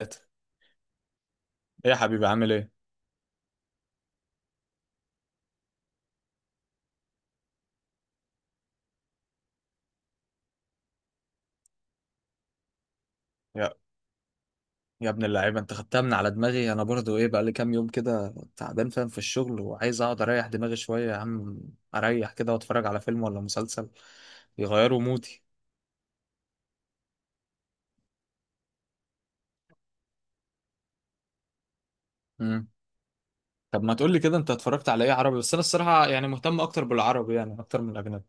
ثلاثة. ايه يا حبيبي عامل ايه؟ يا يا ابن اللعيبه، انت خدتها من على دماغي. انا برضو ايه بقى لي كام يوم كده تعبان، فاهم، في الشغل وعايز اقعد اريح دماغي شويه يا عم. اريح كده واتفرج على فيلم ولا مسلسل، يغيروا مودي. امم طب ما تقول لي كده انت اتفرجت على ايه عربي؟ بس انا الصراحه يعني مهتم اكتر بالعربي يعني اكتر من الاجنبي.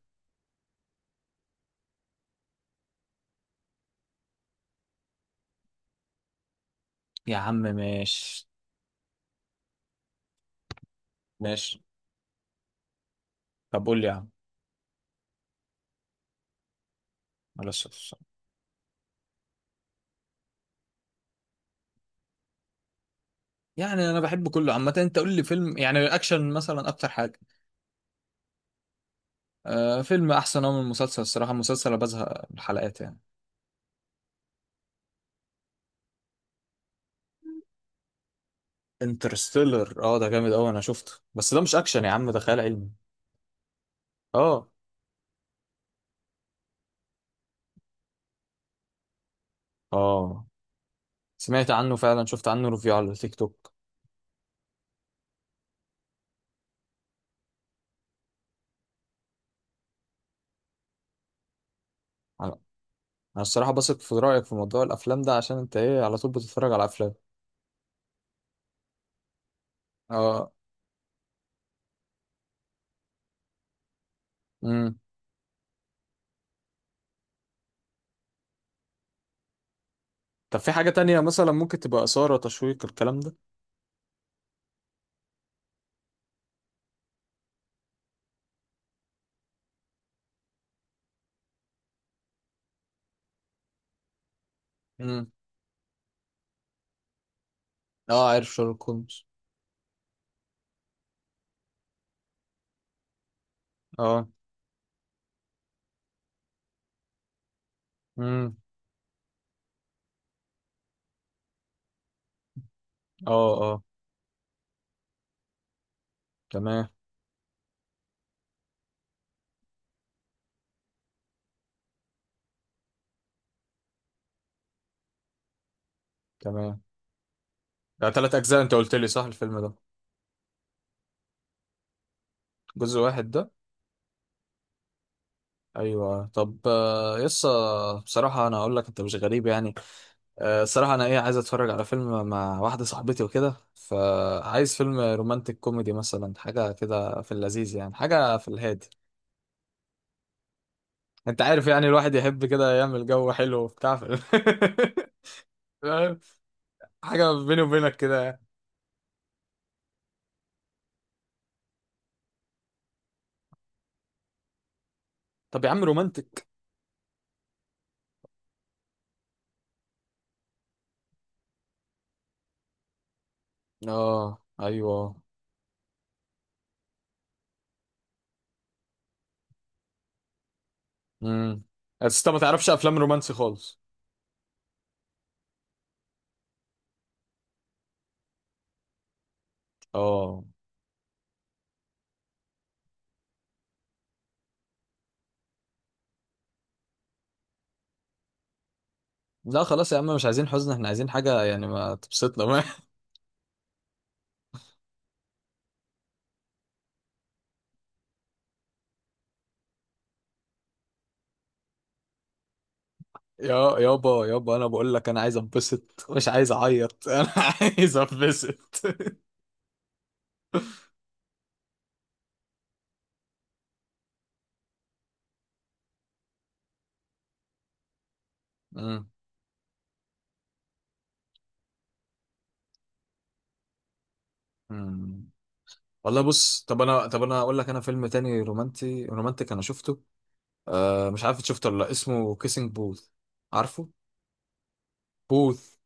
يا عم ماشي. ماشي. طب قول لي يا عم. معلش. يعني انا بحب كله عامه، انت قول لي فيلم يعني اكشن مثلا اكتر حاجه. آه فيلم احسن أوي من المسلسل الصراحه، المسلسل أنا بزهق من الحلقات يعني. انترستيلر اه ده جامد قوي انا شفته، بس ده مش اكشن يا عم ده خيال علمي. اه اه سمعت عنه فعلا، شفت عنه ريفيو على التيك توك. انا أنا الصراحه بثق في رايك في موضوع الافلام ده، عشان انت ايه، على طول بتتفرج على افلام. اه. امم طب في حاجه تانية مثلا ممكن تبقى اثاره، تشويق، الكلام ده. امم اه عارف شارلوك هولمز. اه. امم. اه. اه. تمام. تمام. ده تلات اجزاء انت قلت لي صح الفيلم ده؟ جزء واحد ده. ايوه طب يسا. بصراحه انا اقول لك انت مش غريب يعني. الصراحة أنا إيه، عايز أتفرج على فيلم مع واحدة صاحبتي وكده، فعايز فيلم رومانتك كوميدي مثلا، حاجة كده في اللذيذ يعني، حاجة في الهادي. أنت عارف يعني، الواحد يحب كده يعمل جو حلو وبتاع في فاهم؟ حاجة بيني وبينك كده يعني. طب يا عم رومانتك. آه أيوه. امم. بس أنت ما تعرفش أفلام رومانسي خالص. آه. لا خلاص يا عم، مش عايزين حزن، احنا عايزين حاجة يعني ما تبسطنا يا يابا يابا انا بقول لك انا عايز انبسط، مش عايز اعيط انا عايز انبسط. مم. مم. والله بص، طب انا اقول لك، انا فيلم تاني رومانتي رومانتك انا شفته. آه مش عارف إنت شفته ولا لا، اسمه كيسنج بوث. عارفه. بوث.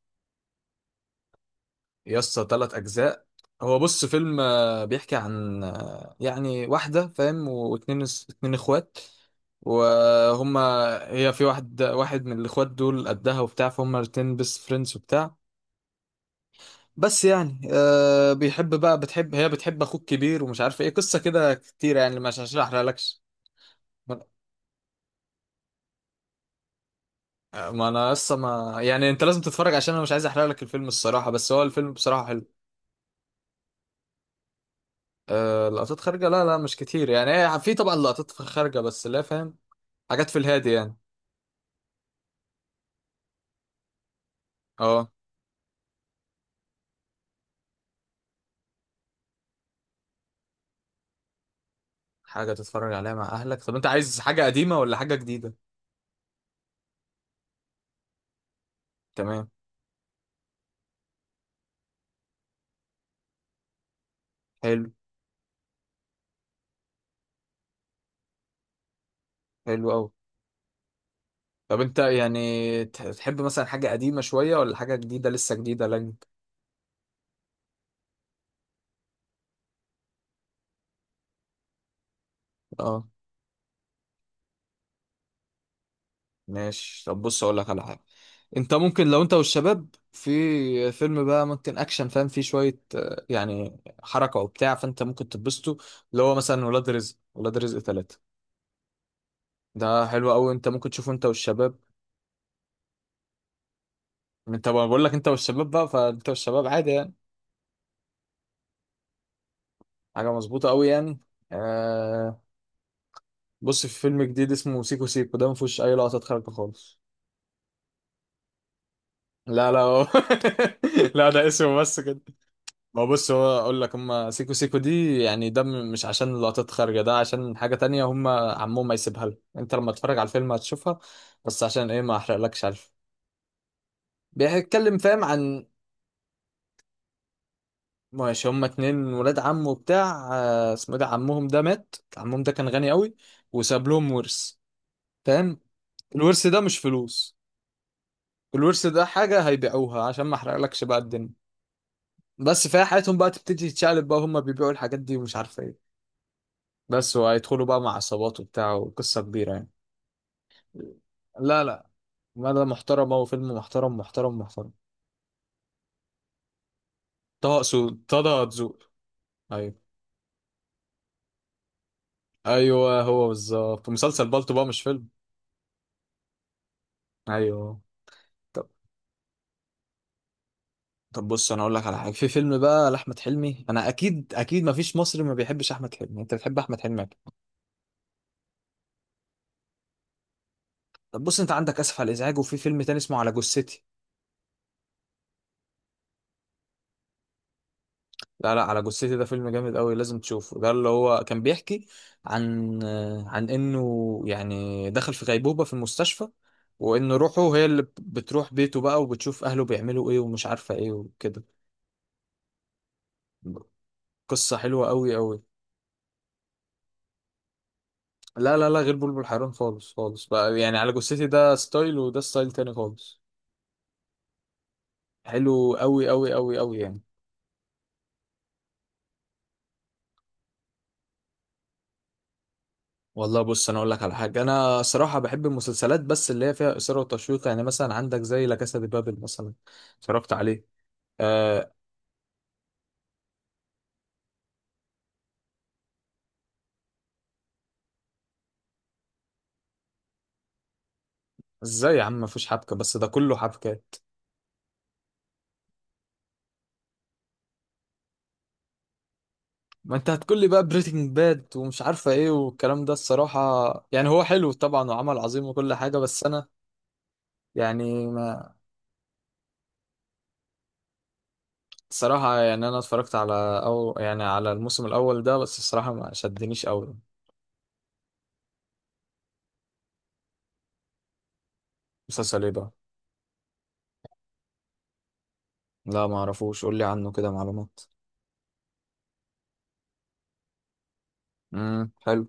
يا اسطى ثلاث اجزاء. هو بص فيلم بيحكي عن يعني واحده، فاهم، واتنين، اتنين اخوات، وهما، هي في واحد، واحد من الاخوات دول قدها وبتاع، فهم الاتنين بس فريندز وبتاع. بس يعني آه بيحب بقى، بتحب، هي بتحب اخوك كبير ومش عارف ايه، قصه كده كتير يعني، مش عشان احرق لكش. ما ما انا لسه ما يعني، انت لازم تتفرج عشان انا مش عايز احرق لك الفيلم الصراحه، بس هو الفيلم بصراحه حلو. آه لقطات خارجه، لا لا مش كتير يعني، هي في طبعا لقطات خارجه بس لا فاهم، حاجات في الهادي يعني. اه. حاجه تتفرج عليها مع اهلك. طب انت عايز حاجه قديمه ولا حاجه جديده؟ تمام. حلو. حلو قوي. طب انت يعني تحب مثلا حاجه قديمه شويه ولا حاجه جديده لسه جديده لك؟ اه. ماشي طب بص اقول لك على حاجه. انت ممكن، لو انت والشباب، في فيلم بقى، ممكن اكشن فاهم، فيه شويه يعني حركه وبتاع فانت ممكن تتبسطوا، اللي هو مثلا ولاد رزق، ولاد رزق ثلاثة. ده حلو قوي، انت ممكن تشوفه انت والشباب. انت بقول لك انت والشباب بقى، فانت والشباب عادي يعني. حاجه مظبوطه قوي يعني. آه بص في فيلم جديد اسمه سيكو سيكو، ده ما فيهوش اي لقطات خارجه خالص. لا لا لا ده اسمه بس كده. ما هو بص هو اقول لك، هم سيكو سيكو دي يعني ده مش عشان اللقطات خارجه، ده عشان حاجه تانية، هم عمهم ما يسيبها له، انت لما تتفرج على الفيلم هتشوفها، بس عشان ايه ما احرقلكش، عارف. بيتكلم فاهم عن. ماشي هم اتنين ولاد عمه بتاع اسمه إيه ده، عمهم ده مات، عمهم ده كان غني قوي وساب لهم ورث، فاهم. الورث ده مش فلوس، الورث ده حاجه هيبيعوها، عشان ما احرقلكش بقى الدنيا، بس فيها حياتهم بقى تبتدي تتشقلب بقى، هم بيبيعوا الحاجات دي ومش عارف ايه، بس وهيدخلوا بقى مع عصابات وبتاع وقصة كبيرة يعني. لا لا، مدى محترمة وفيلم محترم محترم محترم. طه سو طه دسوقي. ايوه. ايوه هو بالظبط مسلسل بالطو بقى مش فيلم. ايوه. طب طب بص انا اقول لك على حاجه، في فيلم بقى لاحمد حلمي، انا اكيد اكيد ما فيش مصري ما بيحبش احمد حلمي، انت بتحب احمد حلمي أكيد. طب بص انت عندك اسف على الازعاج، وفي فيلم تاني اسمه على جثتي. لا لا على جثتي ده فيلم جامد قوي لازم تشوفه، ده اللي هو كان بيحكي عن، عن انه يعني دخل في غيبوبة في المستشفى، وان روحه هي اللي بتروح بيته بقى وبتشوف اهله بيعملوا ايه ومش عارفة ايه وكده. قصة حلوة قوي قوي. لا لا لا، غير بلبل حيران خالص خالص بقى يعني، على جثتي ده ستايل وده ستايل تاني خالص. حلو قوي قوي قوي قوي يعني. والله بص انا اقول لك على حاجه، انا صراحه بحب المسلسلات بس اللي هي فيها اثاره وتشويق، يعني مثلا عندك زي لا كاسا دي بابل مثلا، اتفرجت عليه. آه. ازاي يا عم مفيش حبكة، بس ده كله حبكات. ما انت هتقول لي بقى بريتنج باد ومش عارفة ايه والكلام ده الصراحة، يعني هو حلو طبعا وعمل عظيم وكل حاجة، بس انا يعني ما. الصراحة يعني انا اتفرجت على، او يعني على الموسم الاول ده بس، الصراحة ما شدنيش قوي. مسلسل ايه بقى؟ لا ما اعرفوش، قول لي عنه كده معلومات. حلو.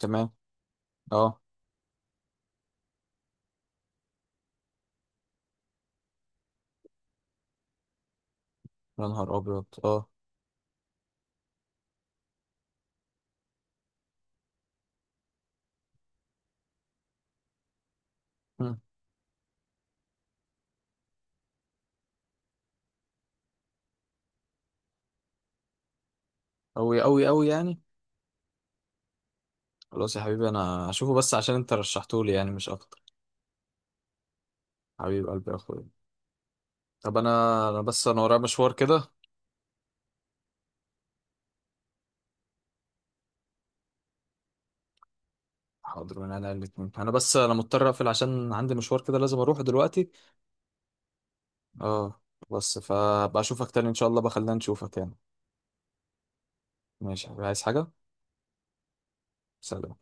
تمام. اه. يا نهار ابيض اه. مم. قوي قوي قوي يعني. خلاص يا حبيبي انا هشوفه بس عشان انت رشحته لي يعني مش اكتر. حبيب قلبي يا اخويا. طب انا بس انا ورايا مشوار كده. حاضر من انا الاتنين، انا بس مضطر اقفل عشان عندي مشوار كده لازم اروحه دلوقتي. اه. بس فبقى اشوفك تاني ان شاء الله، بخلينا نشوفك يعني. ماشي عايز حاجة. سلام.